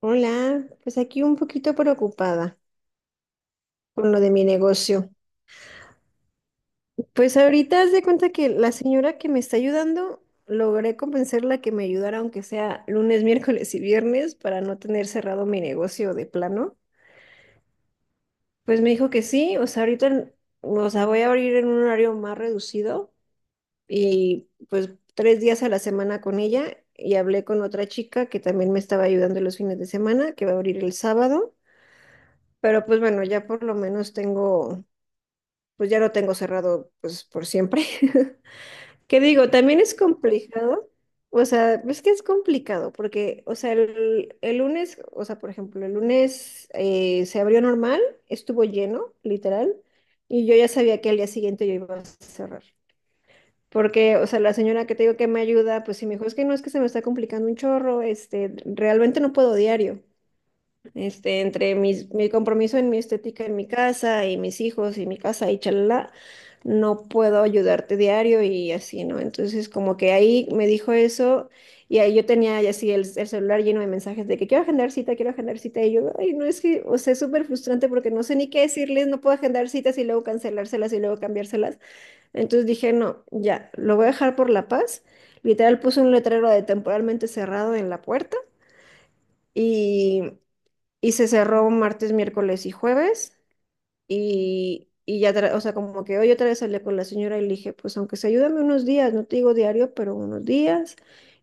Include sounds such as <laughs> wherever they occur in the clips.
Hola, pues aquí un poquito preocupada con lo de mi negocio. Pues ahorita haz de cuenta que la señora que me está ayudando, logré convencerla que me ayudara aunque sea lunes, <laughs> miércoles y viernes para no tener cerrado mi negocio de plano. Pues me dijo que sí, o sea, ahorita, o sea, voy a abrir en un horario más reducido y pues tres días a la semana con ella, y hablé con otra chica que también me estaba ayudando los fines de semana, que va a abrir el sábado. Pero pues bueno, ya por lo menos tengo, pues ya lo tengo cerrado pues por siempre. <laughs> ¿Qué digo? También es complicado. O sea, es que es complicado porque, o sea, el lunes, o sea, por ejemplo, el lunes se abrió normal, estuvo lleno, literal, y yo ya sabía que al día siguiente yo iba a cerrar. Porque, o sea, la señora que te digo que me ayuda, pues sí me dijo, es que no es que se me está complicando un chorro, este, realmente no puedo diario. Este, entre mi compromiso en mi estética, en mi casa y mis hijos y mi casa y chalala, no puedo ayudarte diario y así, ¿no? Entonces, como que ahí me dijo eso, y ahí yo tenía ya así el celular lleno de mensajes de que quiero agendar cita, quiero agendar cita, y yo, ay, no es que, o sea, es súper frustrante porque no sé ni qué decirles, no puedo agendar citas y luego cancelárselas y luego cambiárselas. Entonces dije, no, ya, lo voy a dejar por la paz. Literal puse un letrero de temporalmente cerrado en la puerta. Y y se cerró martes, miércoles y jueves. Y ya, o sea, como que hoy otra vez hablé con la señora y le dije, pues aunque se ayúdame unos días, no te digo diario, pero unos días.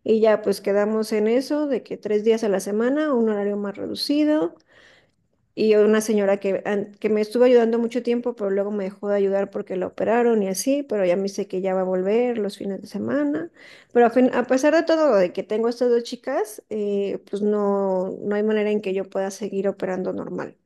Y ya pues quedamos en eso, de que tres días a la semana, un horario más reducido. Y una señora que, que me estuvo ayudando mucho tiempo, pero luego me dejó de ayudar porque la operaron y así, pero ya me dice que ya va a volver los fines de semana. Pero a pesar de todo, de que tengo estas dos chicas, pues no, no hay manera en que yo pueda seguir operando normal.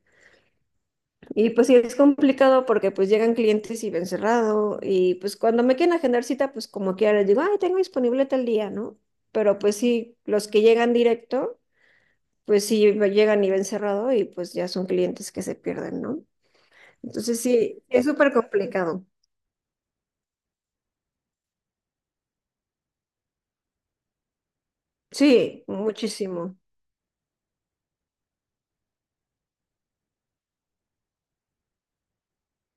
Y pues sí, es complicado porque pues llegan clientes y ven cerrado, y pues cuando me quieren agendar cita, pues como quiera les digo, ay, tengo disponible tal día, ¿no? Pero pues sí, los que llegan directo, pues sí me llegan y ven cerrado, y pues ya son clientes que se pierden, ¿no? Entonces sí, es súper complicado. Sí, muchísimo.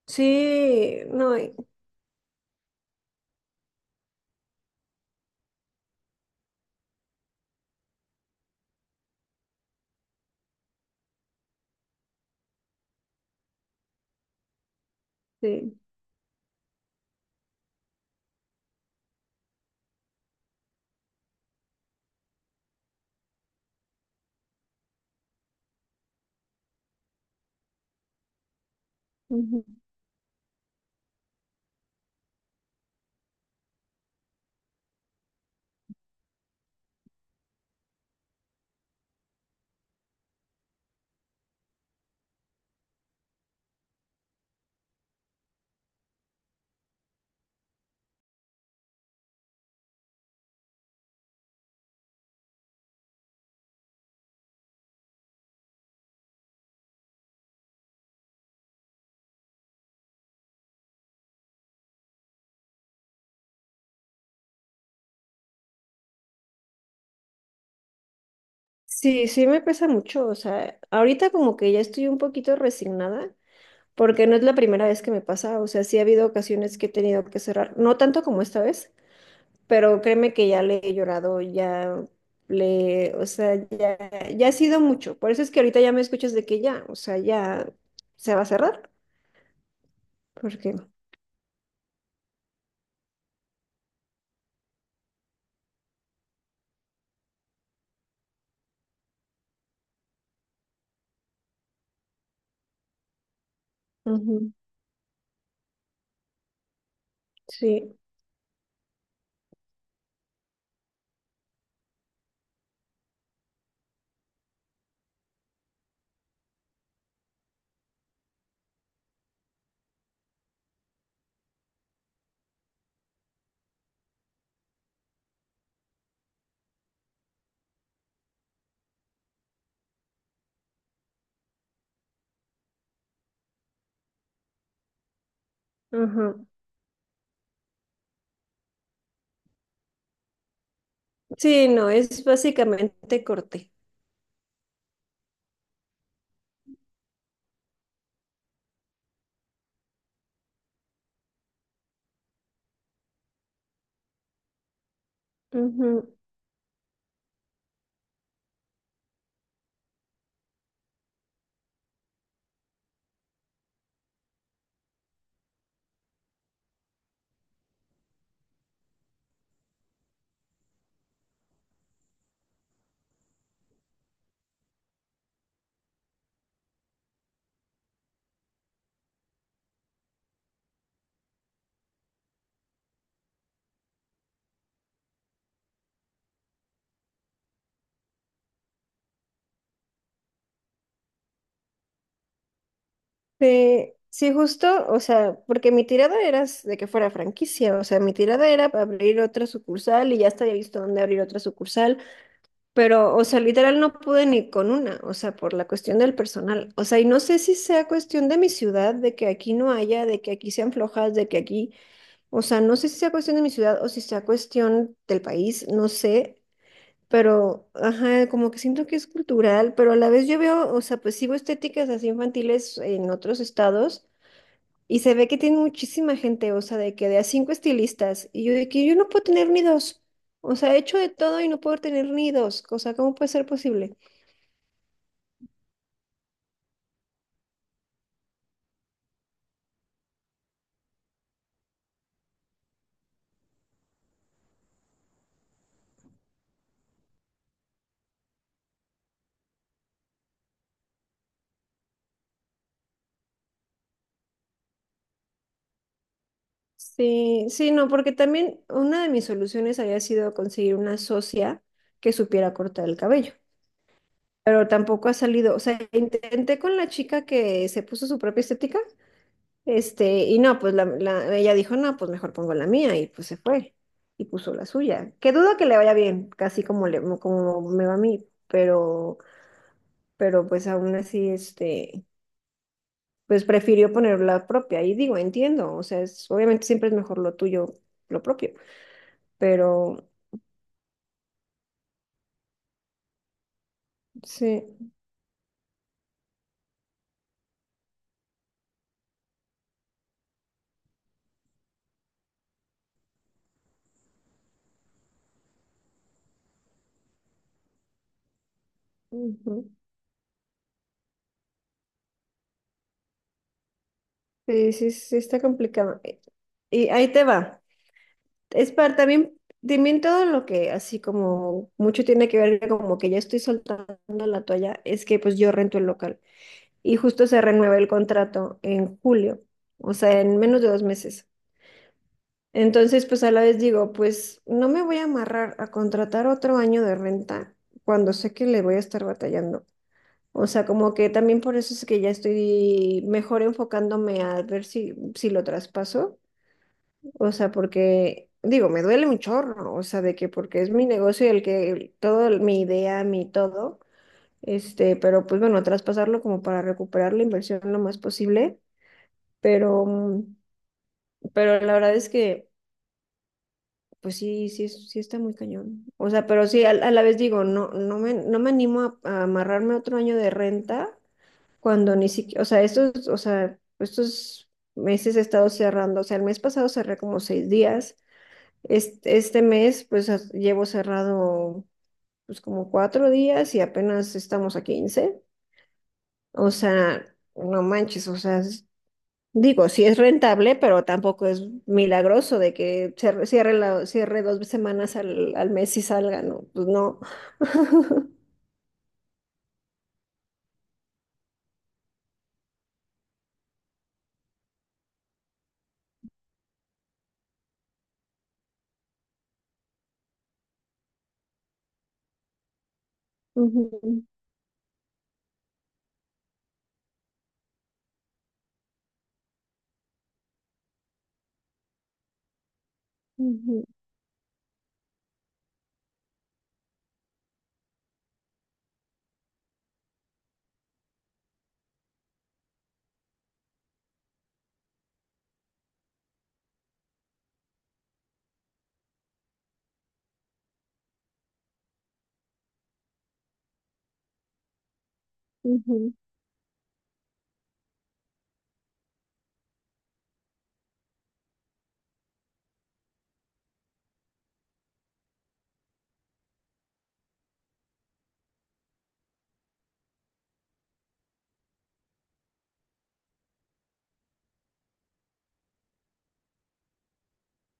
Sí, no, y- sí. Ujú. Sí, sí me pesa mucho, o sea, ahorita como que ya estoy un poquito resignada porque no es la primera vez que me pasa, o sea, sí ha habido ocasiones que he tenido que cerrar, no tanto como esta vez, pero créeme que ya le he llorado, ya le, o sea, ya, ya ha sido mucho, por eso es que ahorita ya me escuchas de que ya, o sea, ya se va a cerrar, porque, ujú, sí, ajá. Sí, no, es básicamente corte. Ujú. Sí, sí, justo, o sea, porque mi tirada era de que fuera franquicia, o sea, mi tirada era abrir otra sucursal y ya hasta había visto dónde abrir otra sucursal. Pero, o sea, literal no pude ni con una, o sea, por la cuestión del personal. O sea, y no sé si sea cuestión de mi ciudad, de que aquí no haya, de que aquí sean flojas, de que aquí, o sea, no sé si sea cuestión de mi ciudad o si sea cuestión del país, no sé, pero, ajá, como que siento que es cultural, pero a la vez yo veo, o sea, pues sí veo estéticas así infantiles en otros estados. Y se ve que tiene muchísima gente, o sea, de que de a cinco estilistas. Y yo de que yo no puedo tener ni dos. O sea, he hecho de todo y no puedo tener ni dos. O sea, ¿cómo puede ser posible? Sí, sí, no, porque también una de mis soluciones había sido conseguir una socia que supiera cortar el cabello. Pero tampoco ha salido. O sea, intenté con la chica que se puso su propia estética. Este, y no, pues ella dijo, no, pues mejor pongo la mía, y pues se fue y puso la suya. Que dudo que le vaya bien, casi como, le, como me va a mí, pero pues aún así, este, pues prefirió poner la propia. Y digo, entiendo, o sea, obviamente siempre es mejor lo tuyo, lo propio, pero sí, ujú. Sí, sí, sí, está complicado. Y ahí te va. Es para también, también todo lo que así como mucho tiene que ver como que ya estoy soltando la toalla, es que pues yo rento el local y justo se renueva el contrato en julio, o sea, en menos de 2 meses. Entonces, pues a la vez digo, pues no me voy a amarrar a contratar otro año de renta cuando sé que le voy a estar batallando. O sea, como que también por eso es que ya estoy mejor enfocándome a ver si, si lo traspaso, o sea, porque, digo, me duele mi chorro, o sea, de que porque es mi negocio y el que todo, mi idea, mi todo, este, pero pues bueno, traspasarlo como para recuperar la inversión lo más posible, pero, pero la verdad es que, pues sí, sí, sí está muy cañón. O sea, pero sí, a la vez digo, no, no me animo a amarrarme otro año de renta cuando ni siquiera, o sea, estos meses he estado cerrando, o sea, el mes pasado cerré como 6 días. Este, este mes, pues llevo cerrado pues como 4 días y apenas estamos a 15. O sea, no manches, o sea, es- digo, sí es rentable, pero tampoco es milagroso de que cierre, la, cierre 2 semanas al mes y salga, no, pues no. <laughs> Ujú, ujú, ujú,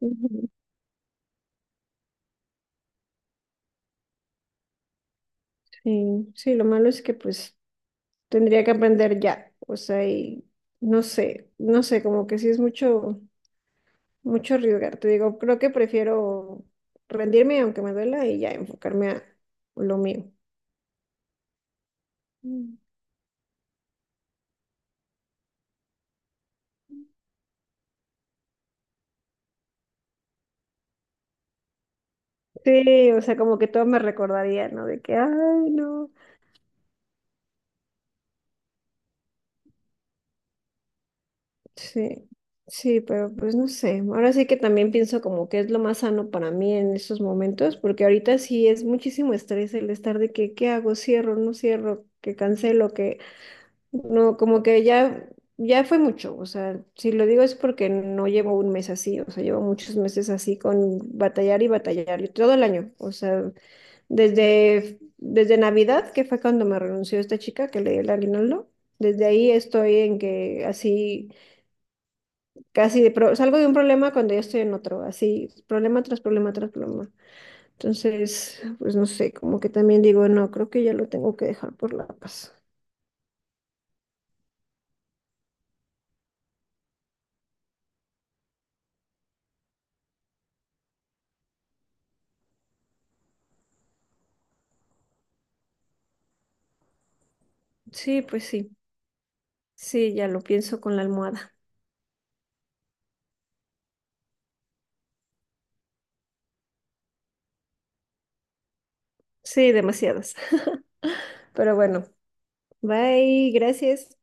ujú. Sí, sí, lo malo es que pues tendría que aprender ya, o sea, y no sé, como que sí es mucho. Mucho arriesgar. Te digo, creo que prefiero rendirme aunque me duela y ya enfocarme a lo mío. Mm. Sí, o sea, como que todo me recordaría, ¿no? De que, ay, no. Sí, sí, pero pues no sé. Ahora sí que también pienso como que es lo más sano para mí en estos momentos, porque ahorita sí es muchísimo estrés el estar de que, ¿qué hago? Cierro, no cierro, que cancelo, que no, como que ya, ya fue mucho, o sea, si lo digo es porque no llevo un mes así, o sea, llevo muchos meses así con batallar y batallar, y todo el año, o sea, desde Navidad, que fue cuando me renunció esta chica que le di el aguinaldo, desde ahí estoy en que así, casi de salgo de un problema cuando ya estoy en otro, así, problema tras problema tras problema. Entonces, pues no sé, como que también digo, no, creo que ya lo tengo que dejar por la paz. Sí, pues sí, sí, ya lo pienso con la almohada. Sí, demasiadas. <laughs> Pero bueno, bye, gracias.